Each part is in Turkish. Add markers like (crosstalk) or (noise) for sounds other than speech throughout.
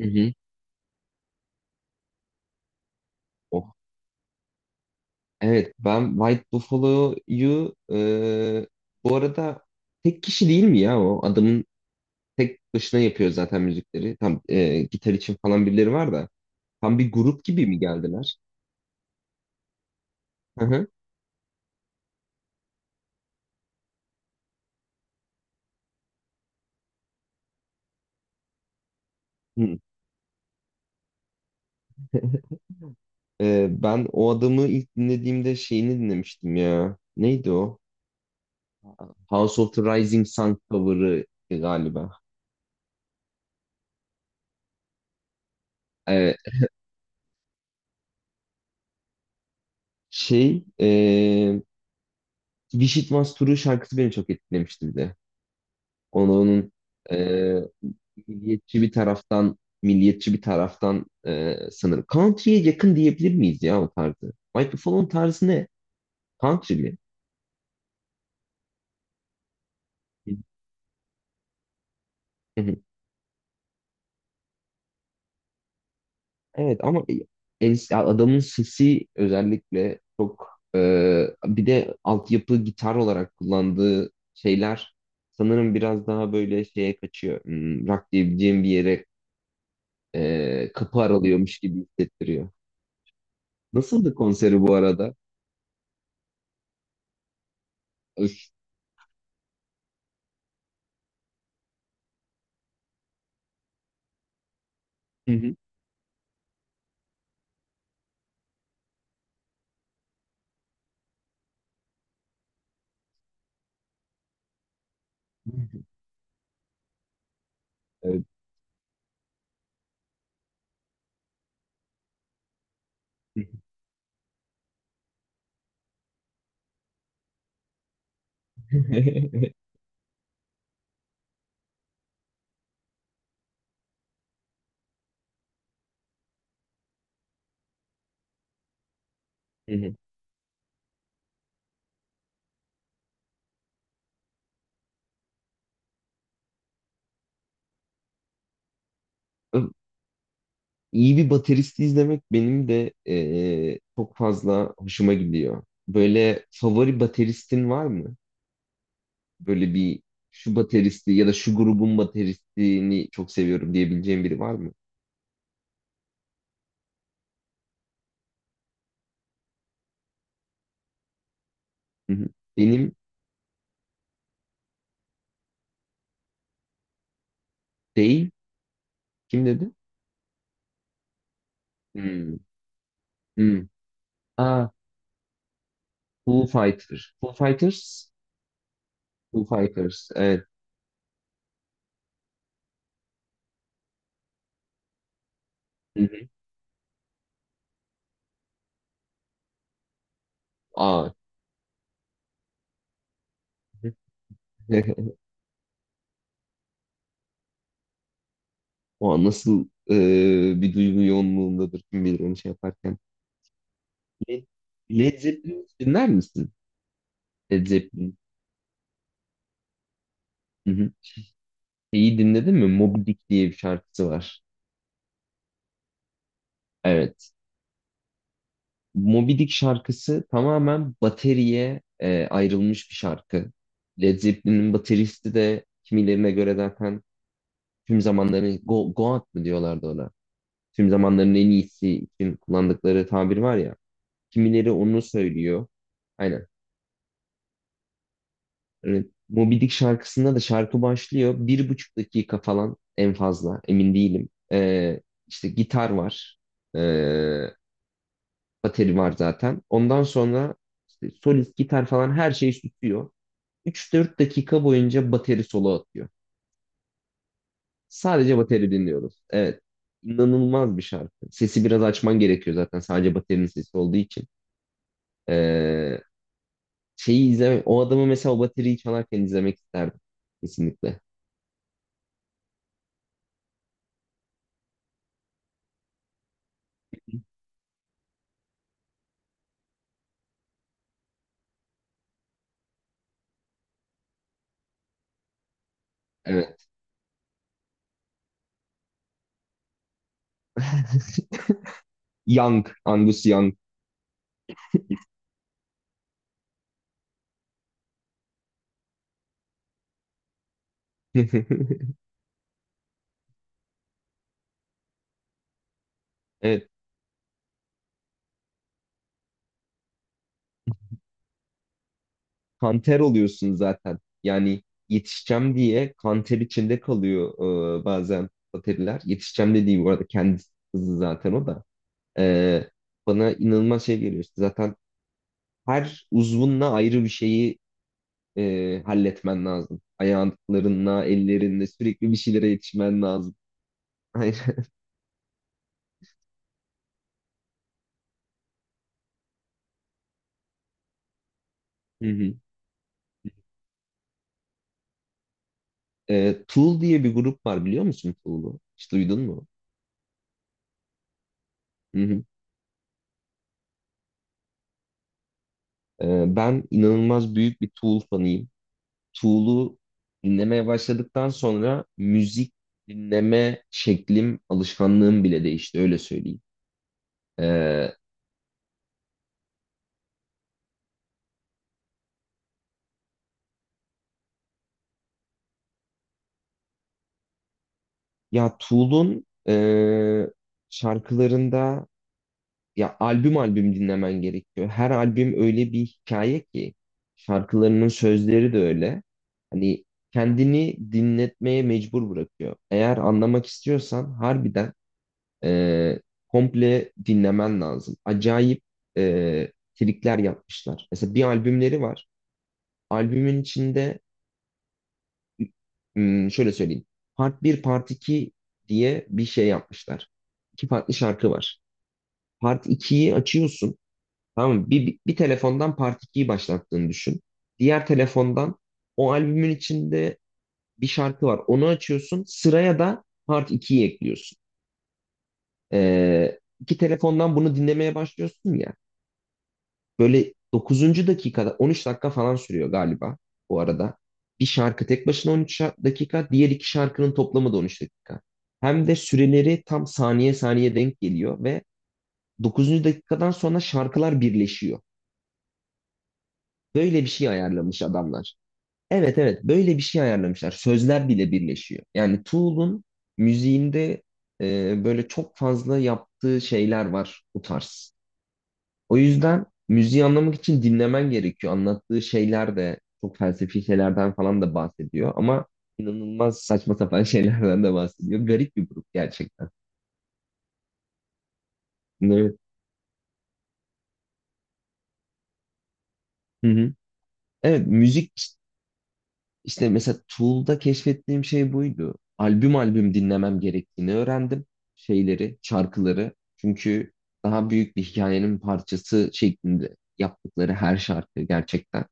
Hı hı. Oh. Evet, ben White Buffalo'yu bu arada tek kişi değil mi ya o? Adamın tek başına yapıyor zaten müzikleri. Tam gitar için falan birileri var da. Tam bir grup gibi mi geldiler? Hı hı. Hı. Ben o adamı ilk dinlediğimde şeyini dinlemiştim ya. Neydi o? House of the Rising Sun cover'ı galiba. E, şey e, Wish It Was True şarkısı beni çok etkilemişti bir de. Onu, onun e, milliyetçi bir taraftan sanırım. Country'ye yakın diyebilir miyiz ya o tarzı? Michael Fallon tarzı ne? Country mi? Hı hı. Evet, ama adamın sesi özellikle çok bir de altyapı gitar olarak kullandığı şeyler sanırım biraz daha böyle şeye kaçıyor. Rock diyebileceğim bir yere kapı aralıyormuş gibi hissettiriyor. Nasıldı konseri bu arada? Öf. Hı hı. Evet. (laughs) Hı hı. Ö- iyi bir bateristi izlemek benim de çok fazla hoşuma gidiyor. Böyle favori bateristin var mı? Böyle bir, şu bateristi ya da şu grubun bateristini çok seviyorum diyebileceğim biri var mı? Hı hı. Benim değil. Kim dedi? Hmm. Hmm. Aa, Foo Fighters. Foo Fighters? Foo Fighters. Evet. Hı hı. Aa. (laughs) O nasıl bir duygu yoğunluğundadır, kim bilir onu şey yaparken. Led Led Zeppelin dinler misin? Led Zeppelin. Hı hı. Şeyi dinledin mi? Moby Dick diye bir şarkısı var. Evet. Moby Dick şarkısı tamamen bateriye ayrılmış bir şarkı. Led Zeppelin'in bateristi de kimilerine göre zaten tüm zamanların Go, God mı diyorlardı ona. Tüm zamanların en iyisi için kullandıkları tabir var ya. Kimileri onu söylüyor. Aynen. Evet. Moby Dick şarkısında da şarkı başlıyor. 1,5 dakika falan en fazla. Emin değilim. İşte gitar var. Ee, Bateri var zaten. Ondan sonra işte solist, gitar falan her şeyi tutuyor. Üç dört dakika boyunca bateri solo atıyor. Sadece bateri dinliyoruz. Evet. İnanılmaz bir şarkı. Sesi biraz açman gerekiyor zaten sadece baterinin sesi olduğu için. Ee, Şeyi izlemek, o adamı mesela o bateriyi çalarken izlemek isterdim. Kesinlikle. Evet. Young, Angus Young. (laughs) Evet. Kanter oluyorsun zaten. Yani yetişeceğim diye kanter içinde kalıyor bazen bateriler. Yetişeceğim dediği bu arada kendi hızı zaten o da. E, Bana inanılmaz şey geliyor. İşte zaten her uzvunla ayrı bir şeyi halletmen lazım. Ayaklarınla, ellerinle sürekli bir şeylere yetişmen lazım. (laughs) Aynen. Hı hı. Tool diye bir grup var, biliyor musun Tool'u? Hiç duydun mu? Hı hı. Ben inanılmaz büyük bir Tool fanıyım. Tool'u dinlemeye başladıktan sonra müzik dinleme şeklim, alışkanlığım bile değişti, öyle söyleyeyim. Ee, Ya Tool'un şarkılarında ya albüm albüm dinlemen gerekiyor. Her albüm öyle bir hikaye ki, şarkılarının sözleri de öyle. Hani kendini dinletmeye mecbur bırakıyor. Eğer anlamak istiyorsan harbiden e, komple dinlemen lazım. Acayip trikler yapmışlar. Mesela bir albümleri var. Albümün içinde şöyle söyleyeyim. Part bir, Part 2 diye bir şey yapmışlar. İki farklı şarkı var. Part 2'yi açıyorsun. Tamam mı? Bir telefondan Part 2'yi başlattığını düşün. Diğer telefondan o albümün içinde bir şarkı var. Onu açıyorsun. Sıraya da Part 2'yi ekliyorsun. İki telefondan bunu dinlemeye başlıyorsun ya. Böyle dokuzuncu dakikada 13 dakika falan sürüyor galiba bu arada. Bir şarkı tek başına 13 dakika, diğer iki şarkının toplamı da 13 dakika. Hem de süreleri tam saniye saniye denk geliyor ve dokuzuncu dakikadan sonra şarkılar birleşiyor. Böyle bir şey ayarlamış adamlar. Evet, evet, böyle bir şey ayarlamışlar. Sözler bile birleşiyor. Yani Tool'un müziğinde böyle çok fazla yaptığı şeyler var bu tarz. O yüzden müziği anlamak için dinlemen gerekiyor. Anlattığı şeyler de çok felsefi şeylerden falan da bahsediyor ama inanılmaz saçma sapan (laughs) şeylerden de bahsediyor. Garip bir grup gerçekten. Evet. Hı hı. Evet, müzik işte mesela Tool'da keşfettiğim şey buydu. Albüm albüm dinlemem gerektiğini öğrendim. Şeyleri, şarkıları. Çünkü daha büyük bir hikayenin parçası şeklinde yaptıkları her şarkı gerçekten.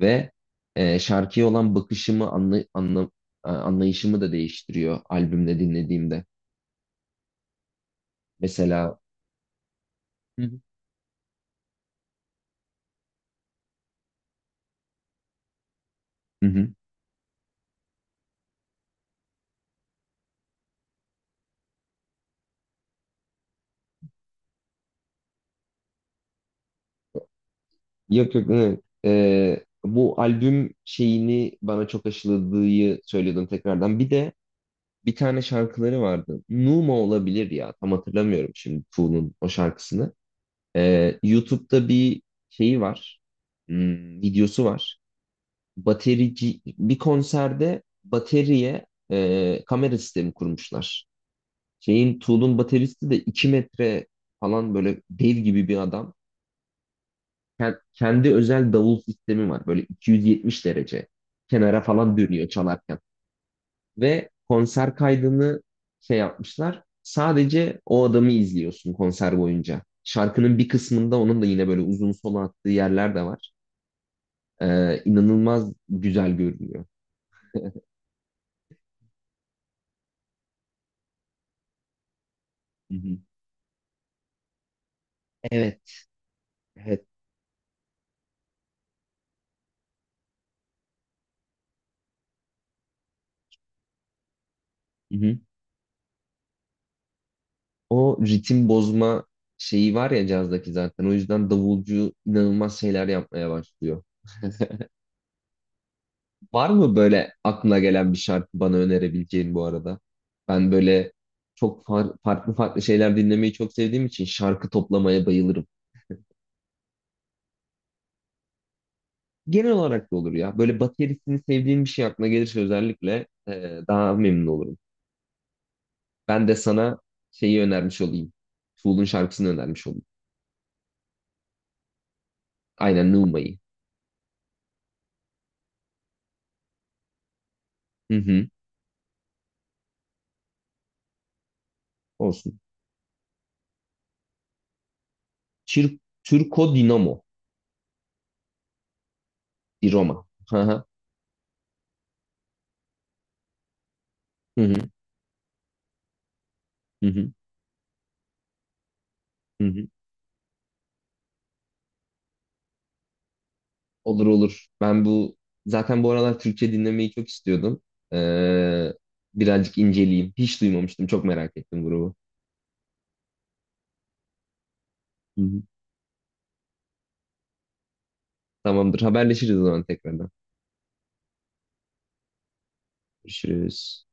Ve şarkıya olan bakışımı anlayışımı da değiştiriyor albümde dinlediğimde. Mesela. Hı hı. Hı hı. Yok, yok. Evet. Bu albüm şeyini bana çok aşıladığı söylüyordum tekrardan. Bir de bir tane şarkıları vardı. Numa olabilir ya. Tam hatırlamıyorum şimdi Tool'un o şarkısını. YouTube'da bir şeyi var. Videosu var. Baterici bir konserde bateriye kamera sistemi kurmuşlar. Şeyin Tool'un bateristi de 2 metre falan böyle dev gibi bir adam. Kendi özel davul sistemi var. Böyle 270 derece kenara falan dönüyor çalarken. Ve konser kaydını şey yapmışlar. Sadece o adamı izliyorsun konser boyunca. Şarkının bir kısmında onun da yine böyle uzun solo attığı yerler de var. İnanılmaz güzel görünüyor. Hı hı. Evet. Evet. O ritim bozma şeyi var ya cazdaki zaten. O yüzden davulcu inanılmaz şeyler yapmaya başlıyor. Var mı böyle aklına gelen bir şarkı bana önerebileceğin bu arada? Ben böyle çok farklı farklı şeyler dinlemeyi çok sevdiğim için şarkı toplamaya bayılırım. Genel olarak da olur ya. Böyle baterisini sevdiğim bir şey aklına gelirse özellikle daha memnun olurum. Ben de sana şeyi önermiş olayım. Tool'un şarkısını önermiş olayım. Aynen Numa'yı. Hı hı. Olsun. Çir Türko Dinamo. Bir Roma. Hı hı. Hı hı. Hı hı. Hı hı. Olur, olur. Ben bu zaten bu aralar Türkçe dinlemeyi çok istiyordum. Ee, Birazcık inceleyeyim. Hiç duymamıştım. Çok merak ettim grubu. Hı hı. Tamamdır. Haberleşiriz o zaman tekrardan. Görüşürüz.